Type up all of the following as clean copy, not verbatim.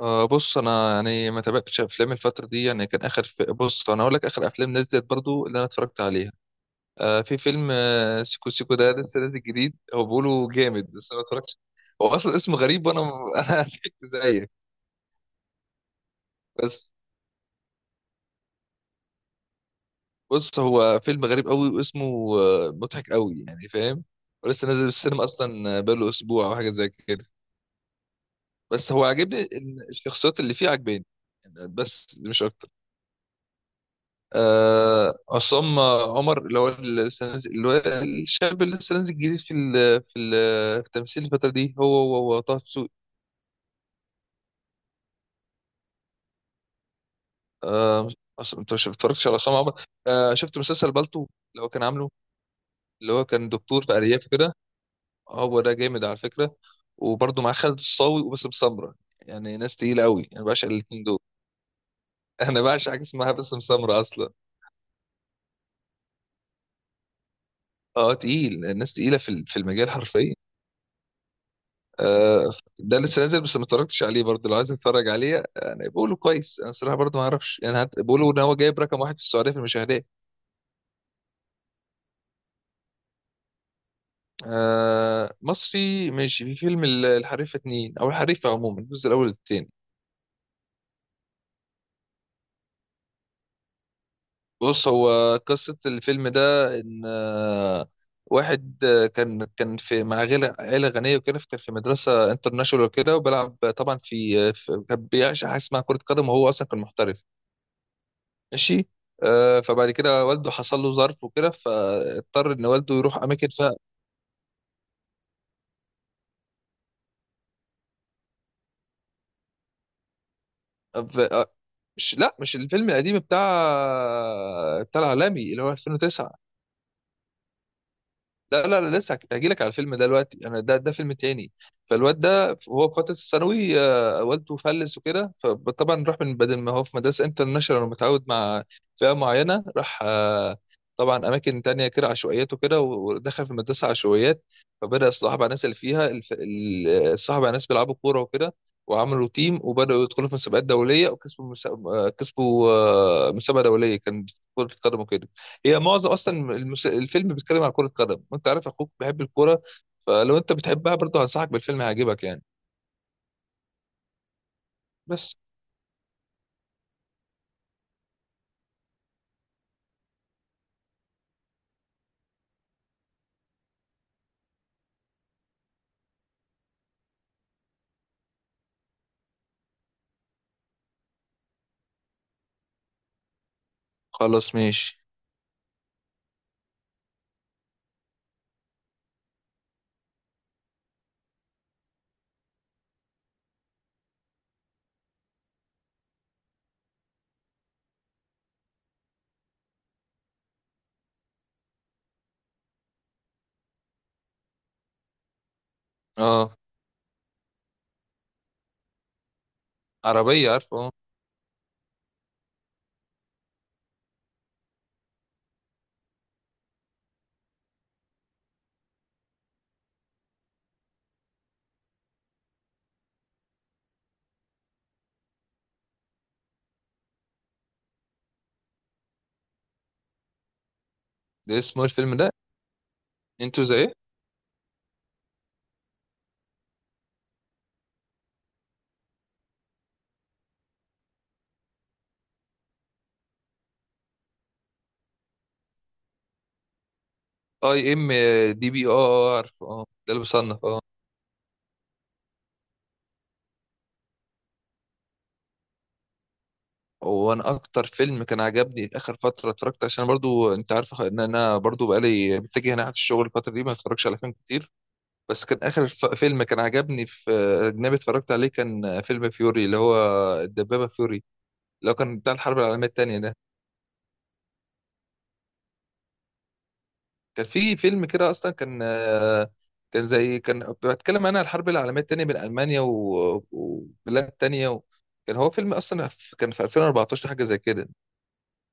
بص انا يعني ما تابعتش افلام الفتره دي. يعني كان اخر في بص انا اقول لك اخر افلام نزلت برضو اللي انا اتفرجت عليها. في فيلم سيكو سيكو، ده لسه نازل جديد، هو بيقولوا جامد بس انا ما اتفرجتش. هو اصلا اسمه غريب وانا انا ضحكت زيك. بس بص، هو فيلم غريب قوي واسمه مضحك قوي، يعني فاهم؟ ولسه نازل السينما اصلا، بقاله اسبوع او حاجه زي كده. بس هو عاجبني ان الشخصيات اللي فيه عاجباني، يعني بس مش اكتر. عصام عمر، اللي هو اللي هو الشاب اللي لسه نازل جديد في ال في ال في التمثيل الفترة دي، هو طه دسوقي. آه، انت مش اتفرجتش على عصام عمر؟ شفت مسلسل بالطو، اللي هو كان عامله، اللي هو كان دكتور في أرياف كده؟ هو ده جامد على فكرة، وبرضه مع خالد الصاوي وباسم سمرة. يعني ناس تقيلة قوي، انا بعشق الاتنين دول. انا بعشق حاجة اسمها باسم سمرة اصلا. اه تقيل، الناس تقيلة في المجال حرفيا. آه، ده لسه نازل بس ما اتفرجتش عليه برضه، لو عايز اتفرج عليه يعني بيقولوا كويس، انا الصراحه برضه ما اعرفش، يعني بيقولوا ان هو جايب رقم واحد في السعوديه في المشاهدات. مصري ماشي، في فيلم الحريفه اتنين، او الحريفه عموما، الجزء الاول والتاني. بص، هو قصه الفيلم ده ان واحد كان في مع عيله، عيله غنيه وكده، كان في مدرسه انترناشونال وكده، وبيلعب طبعا في, آه، في كان بيعشق حاجه اسمها كره قدم، وهو اصلا كان محترف ماشي. فبعد كده والده حصل له ظرف وكده، فاضطر ان والده يروح اماكن فيها. ف- آه، مش، لا مش الفيلم القديم بتاع بتاع العالمي اللي هو 2009. لا لا لا، لسه هجي لك على الفيلم ده دلوقتي، انا ده فيلم تاني. فالواد ده هو في فتره الثانوي، والده فلس وكده، فطبعا راح، من بدل ما هو في مدرسه انترناشونال ومتعود مع فئه معينه، راح طبعا اماكن تانية كده عشوائيات وكده، ودخل في مدرسه عشوائيات. فبدا يصاحب على الناس اللي فيها، صاحب على ناس بيلعبوا كوره وكده، وعملوا تيم وبداوا يدخلوا في مسابقات دوليه، وكسبوا كسبوا مسابقه دوليه كان في كره القدم وكده. هي معظم اصلا الفيلم بيتكلم على كرة قدم، وانت عارف اخوك بيحب الكورة، فلو انت بتحبها برضه هنصحك بالفيلم، هيعجبك يعني. بس خلاص ماشي. اه عربية، عارفه اه. ده اسمه إيه الفيلم ده؟ انتوا زي ايه؟ اي ام دي بي؟ اه عارفه، اه ده اللي بصنف اه. وانا اكتر فيلم كان عجبني اخر فتره اتفرجت، عشان برضو انت عارف ان انا برضو بقالي متجه ناحيه الشغل الفتره دي، ما بتفرجش على فيلم كتير. بس كان اخر فيلم كان عجبني في اجنبي اتفرجت عليه، كان فيلم فيوري، اللي هو الدبابه فيوري، لو كان بتاع الحرب العالمية التانية ده. كان في فيلم كده أصلا، كان آه، كان زي كان بتكلم أنا عن الحرب العالمية التانية بين ألمانيا وبلاد تانية و... كان هو فيلم أصلا كان في 2014، حاجة زي كده.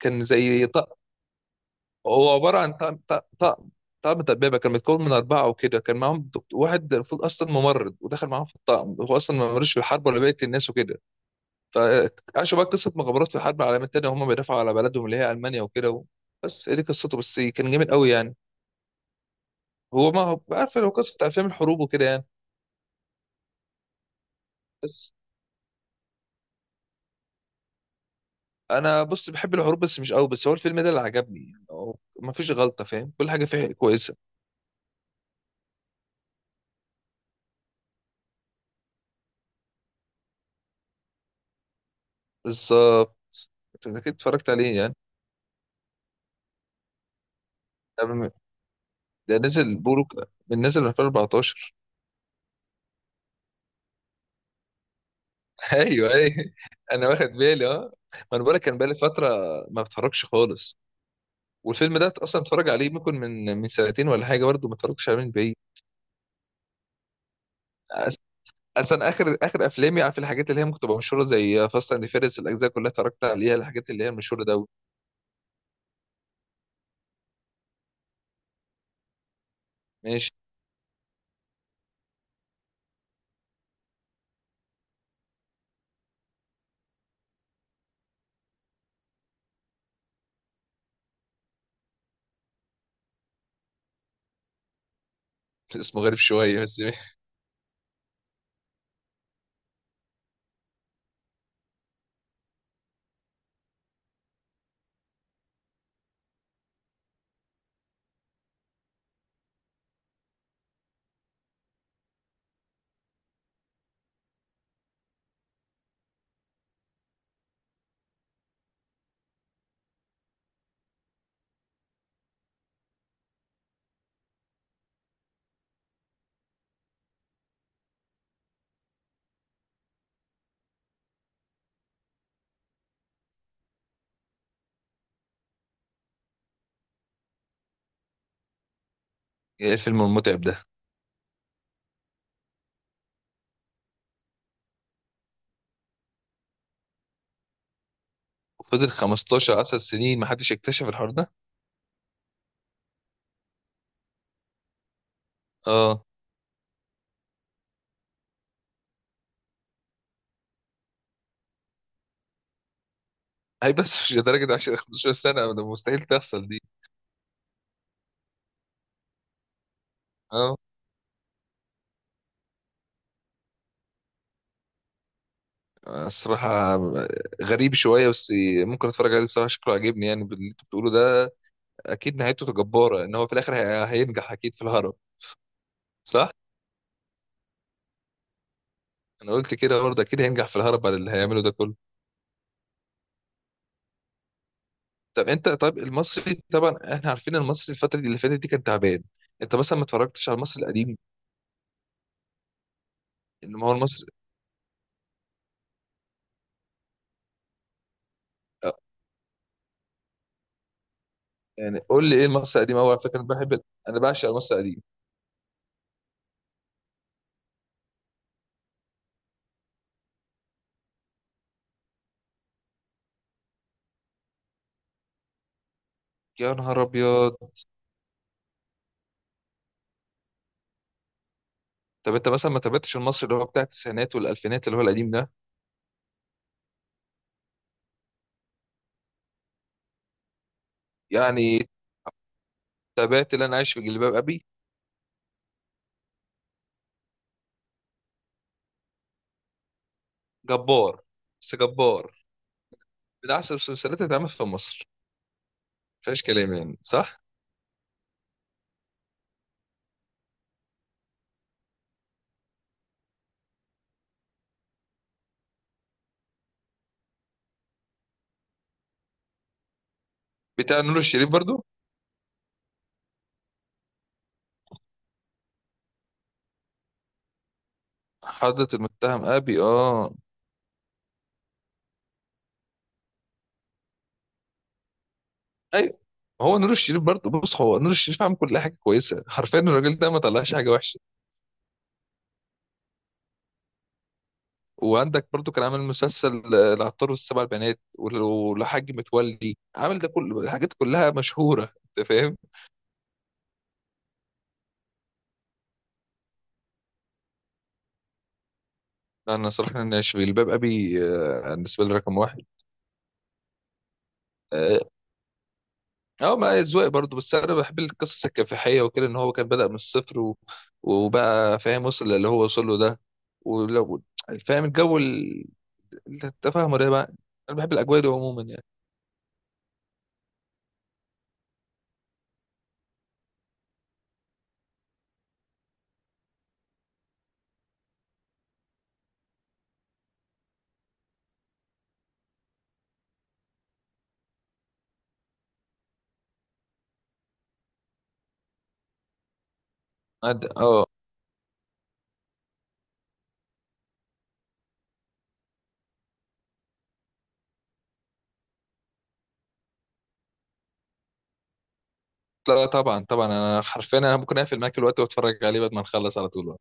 كان زي هو عبارة عن طقم طقم دبابة، كان متكون من أربعة وكده، كان معاهم واحد المفروض أصلا ممرض، ودخل معاهم في الطقم، هو أصلا ما ملوش في الحرب ولا بقية الناس وكده. فعاشوا بقى قصة مغامرات في الحرب العالمية التانية، وهم بيدافعوا على بلدهم اللي هي ألمانيا وكده و... بس هي دي قصته، بس كان جامد قوي يعني. هو ما هو عارف لو قصة أفلام الحروب وكده يعني. بس أنا بص، بحب الحروب بس مش قوي، بس هو الفيلم ده اللي عجبني يعني، هو ما فيش غلطة فاهم، كل حاجة فيه كويسة. بالظبط. أنت أكيد اتفرجت عليه يعني. قبل ما- ده نزل بيقولوا من نزل 2014. أيوه أيوه، أنا واخد بالي، أه ما أنا بقولك كان بقالي فترة ما بتفرجش خالص. والفيلم ده أصلا اتفرج عليه ممكن من سنتين ولا حاجة، برضه ما اتفرجتش عليه من بعيد. اصلا اخر افلامي، عارف الحاجات اللي هي ممكن تبقى مشهوره زي فاست اند فيرس، الاجزاء كلها اتفرجت عليها، الحاجات اللي هي المشهوره ده. ماشي. اسمه غريب شويه بس، ماشي. ايه الفيلم المتعب ده؟ فضل 15 10 سنين ما حدش اكتشف الحوار ده؟ اه. اي بس مش لدرجه 10 15 سنه، ده مستحيل تحصل دي. اه الصراحه، غريب شويه بس. ممكن اتفرج عليه الصراحه، شكله عاجبني يعني باللي انت بتقوله ده. اكيد نهايته جباره، ان هو في الاخر هينجح اكيد في الهرب. صح. انا قلت كده برضه، اكيد هينجح في الهرب على اللي هيعمله ده كله. طب انت، طب المصري طبعا احنا عارفين المصري الفترة دي اللي فاتت دي كان تعبان. انت مثلا ما اتفرجتش على المصري القديم؟ ان هو المصري اه، يعني قول لي ايه المصري القديم، هو على فكرة انا بحب، انا بعشق المصري القديم. يا نهار ابيض. طب انت مثلا ما تابعتش المصري اللي هو بتاع التسعينات والالفينات، اللي هو القديم ده؟ يعني تابعت اللي انا عايش في جلباب ابي؟ جبار. بس جبار من احسن المسلسلات اللي اتعملت في مصر، مفيهاش كلام، يعني صح. بتاع نور الشريف برضو؟ حضرة المتهم ابي، اه. ايوه. هو نور الشريف برضه، بص هو نور الشريف عامل كل حاجه كويسه حرفيا، الراجل ده ما طلعش حاجه وحشه. وعندك برضه كان عامل مسلسل العطار والسبع بنات والحاج متولي، عامل ده كل الحاجات كلها مشهوره، انت فاهم. انا صراحه، انا في الباب ابي بالنسبه لي رقم واحد. اه ما اذواق برضه، بس انا بحب القصص الكفاحيه وكده، ان هو كان بدأ من الصفر وبقى فاهم، وصل اللي هو وصل له ده، ولو فاهم الجو التفاهم ده بقى، انا بحب الاجواء دي عموما يعني. اه لا طبعا طبعا، انا حرفيا انا ممكن اقفل معاك الوقت واتفرج عليه بعد ما نخلص على طول بقى.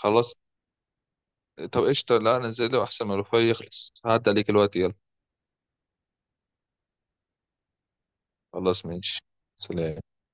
خلاص. طب قشطه، لا نزله احسن ما الوفاء يخلص، هعدي عليك الوقت، يلا. خلاص ماشي. سلام.